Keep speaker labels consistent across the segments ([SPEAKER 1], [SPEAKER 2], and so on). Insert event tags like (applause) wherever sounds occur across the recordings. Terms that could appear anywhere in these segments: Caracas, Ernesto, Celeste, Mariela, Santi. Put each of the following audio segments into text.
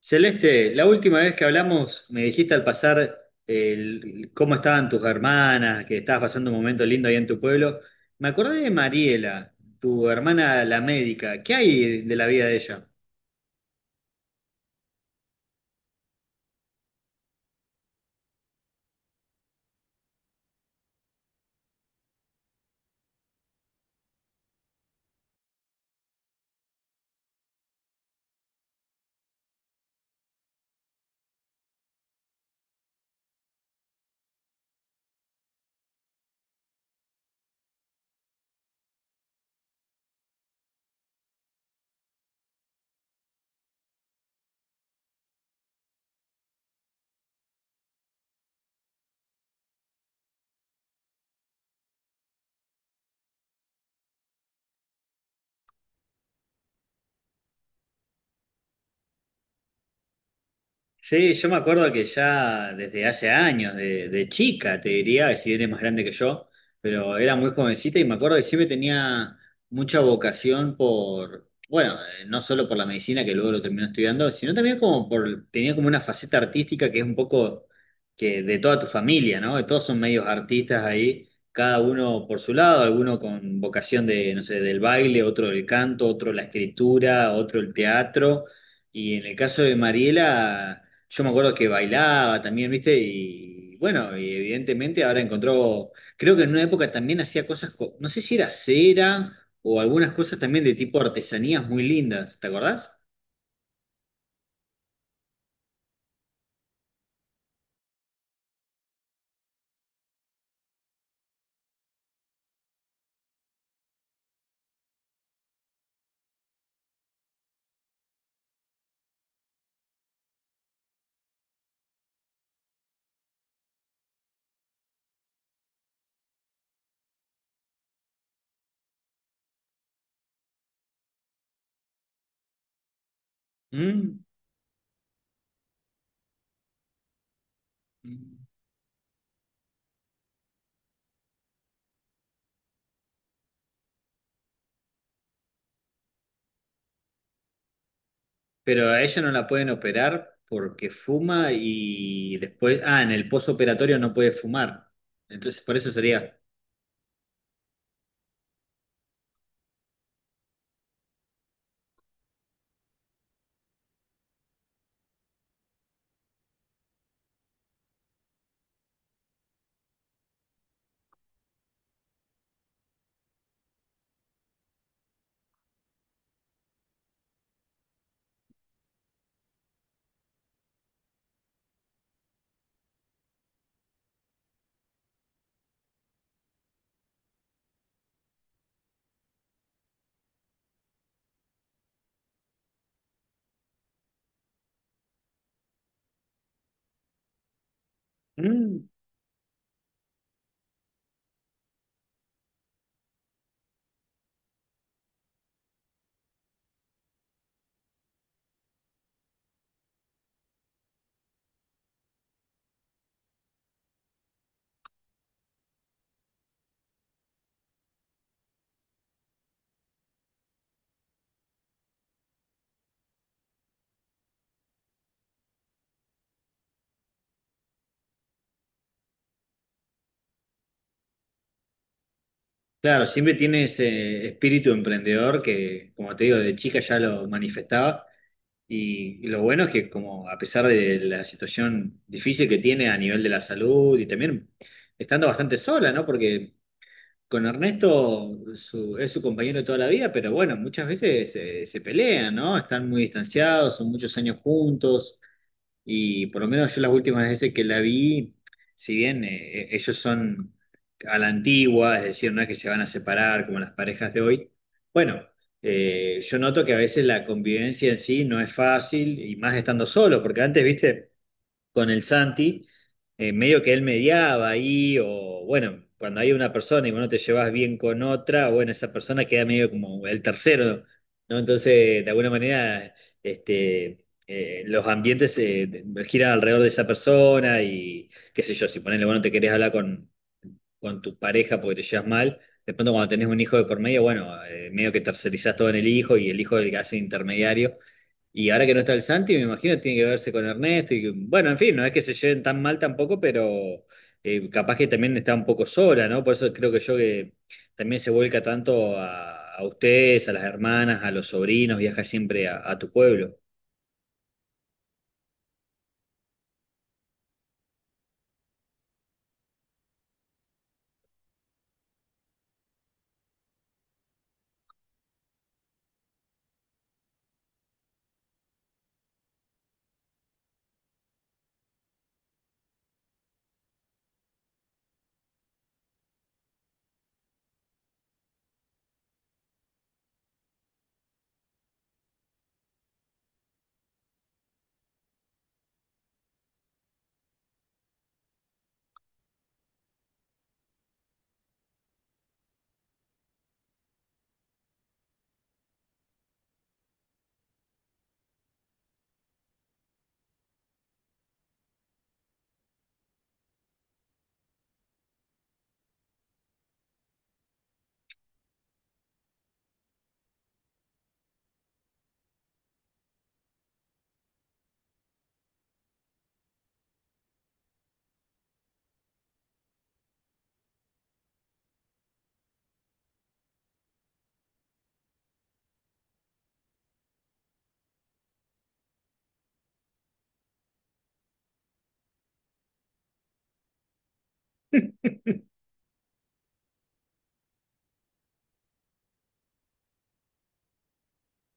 [SPEAKER 1] Celeste, la última vez que hablamos me dijiste al pasar cómo estaban tus hermanas, que estabas pasando un momento lindo ahí en tu pueblo. Me acordé de Mariela, tu hermana la médica. ¿Qué hay de la vida de ella? Sí, yo me acuerdo que ya desde hace años, de chica, te diría, si eres más grande que yo, pero era muy jovencita y me acuerdo que siempre tenía mucha vocación por, bueno, no solo por la medicina, que luego lo terminé estudiando, sino también como por, tenía como una faceta artística que es un poco que de toda tu familia, ¿no? Que todos son medios artistas ahí, cada uno por su lado, alguno con vocación de, no sé, del baile, otro del canto, otro la escritura, otro el teatro, y en el caso de Mariela yo me acuerdo que bailaba también, ¿viste? Y bueno, y evidentemente ahora encontró, creo que en una época también hacía cosas, no sé si era cera o algunas cosas también de tipo artesanías muy lindas, ¿te acordás? Mm. Pero a ella no la pueden operar porque fuma y después, ah, en el posoperatorio no puede fumar. Entonces, por eso sería... Mm. Claro, siempre tiene ese espíritu emprendedor que, como te digo, de chica ya lo manifestaba. Y lo bueno es que como a pesar de la situación difícil que tiene a nivel de la salud y también estando bastante sola, ¿no? Porque con Ernesto es su compañero de toda la vida, pero bueno, muchas veces se pelean, ¿no? Están muy distanciados, son muchos años juntos. Y por lo menos yo las últimas veces que la vi, si bien ellos son a la antigua, es decir, no es que se van a separar como las parejas de hoy, bueno, yo noto que a veces la convivencia en sí no es fácil y más estando solo, porque antes, viste, con el Santi, medio que él mediaba ahí, o bueno, cuando hay una persona y vos no te llevas bien con otra, bueno, esa persona queda medio como el tercero, ¿no? Entonces, de alguna manera, los ambientes giran alrededor de esa persona y qué sé yo, si ponele, bueno, te querés hablar con tu pareja porque te llevas mal. De pronto cuando tenés un hijo de por medio, bueno, medio que tercerizás todo en el hijo y el hijo es el que hace intermediario. Y ahora que no está el Santi, me imagino tiene que verse con Ernesto y que- bueno, en fin, no es que se lleven tan mal tampoco, pero capaz que también está un poco sola, ¿no? Por eso creo que yo que también se vuelca tanto a ustedes, a las hermanas, a los sobrinos, viaja siempre a tu pueblo.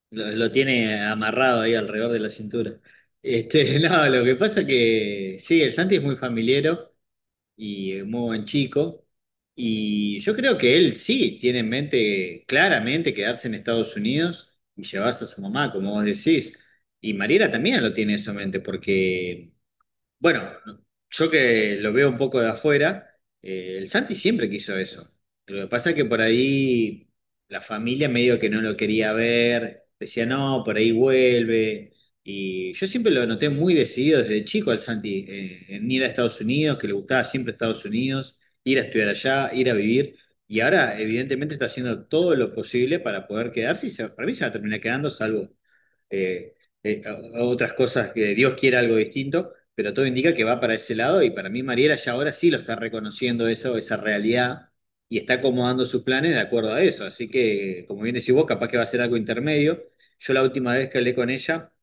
[SPEAKER 1] Lo tiene amarrado ahí alrededor de la cintura. Este, (laughs) no, lo que pasa que sí, el Santi es muy familiero. Y un muy buen chico. Y yo creo que él sí tiene en mente claramente quedarse en Estados Unidos y llevarse a su mamá, como vos decís. Y Mariela también lo tiene eso en mente, porque bueno, yo que lo veo un poco de afuera, el Santi siempre quiso eso. Lo que pasa es que por ahí la familia medio que no lo quería ver, decía, no, por ahí vuelve. Y yo siempre lo noté muy decidido desde chico al Santi, en ir a Estados Unidos, que le gustaba siempre Estados Unidos, ir a estudiar allá, ir a vivir. Y ahora, evidentemente, está haciendo todo lo posible para poder quedarse y para mí se va a terminar quedando, salvo eh, a otras cosas que Dios quiera algo distinto, pero todo indica que va para ese lado y para mí Mariela ya ahora sí lo está reconociendo eso, esa realidad y está acomodando sus planes de acuerdo a eso. Así que, como bien decís vos, capaz que va a ser algo intermedio. Yo la última vez que hablé con ella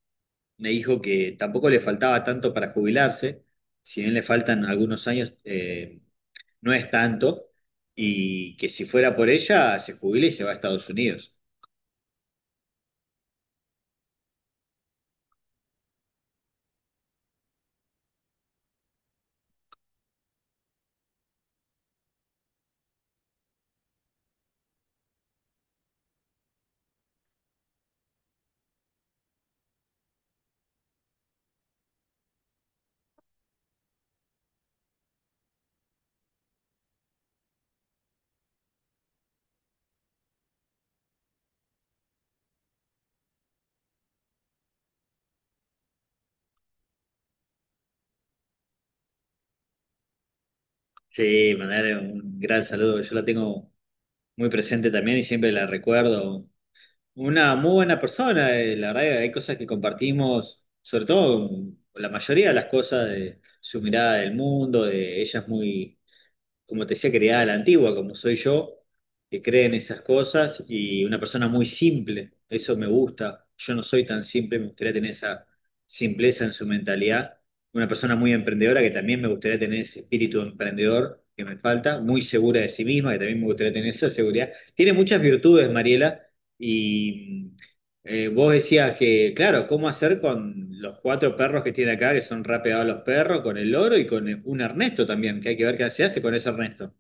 [SPEAKER 1] me dijo que tampoco le faltaba tanto para jubilarse, si bien le faltan algunos años, no es tanto, y que si fuera por ella se jubila y se va a Estados Unidos. Sí, mandarle un gran saludo. Yo la tengo muy presente también y siempre la recuerdo. Una muy buena persona, la verdad que hay cosas que compartimos, sobre todo la mayoría de las cosas de su mirada del mundo, de ella es muy como te decía, criada a la antigua, como soy yo, que cree en esas cosas y una persona muy simple. Eso me gusta. Yo no soy tan simple, me gustaría tener esa simpleza en su mentalidad. Una persona muy emprendedora que también me gustaría tener ese espíritu emprendedor que me falta, muy segura de sí misma, que también me gustaría tener esa seguridad. Tiene muchas virtudes, Mariela, y vos decías que, claro, ¿cómo hacer con los cuatro perros que tiene acá, que son rapeados los perros, con el loro y con un Ernesto también, que hay que ver qué se hace con ese Ernesto?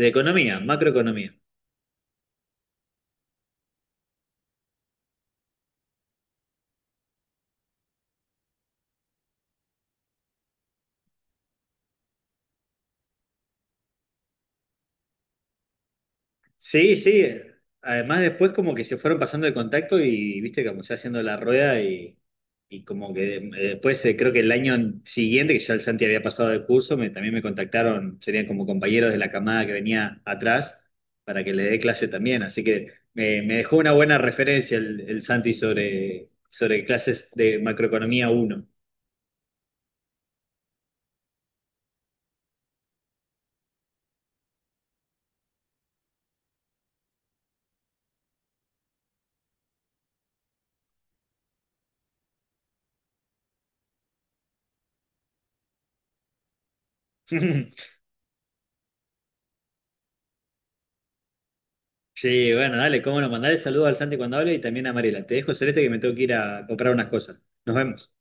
[SPEAKER 1] De economía, macroeconomía. Sí, sí. Además, después como que se fueron pasando el contacto y viste como se va haciendo la rueda y como que después creo que el año siguiente, que ya el Santi había pasado de curso, también me contactaron, serían como compañeros de la camada que venía atrás para que le dé clase también. Así que me dejó una buena referencia el Santi sobre, sobre clases de macroeconomía uno. (laughs) Sí, bueno, dale, cómo no, mandale saludos al Santi cuando hable y también a Mariela. Te dejo, Celeste, que me tengo que ir a comprar unas cosas. Nos vemos.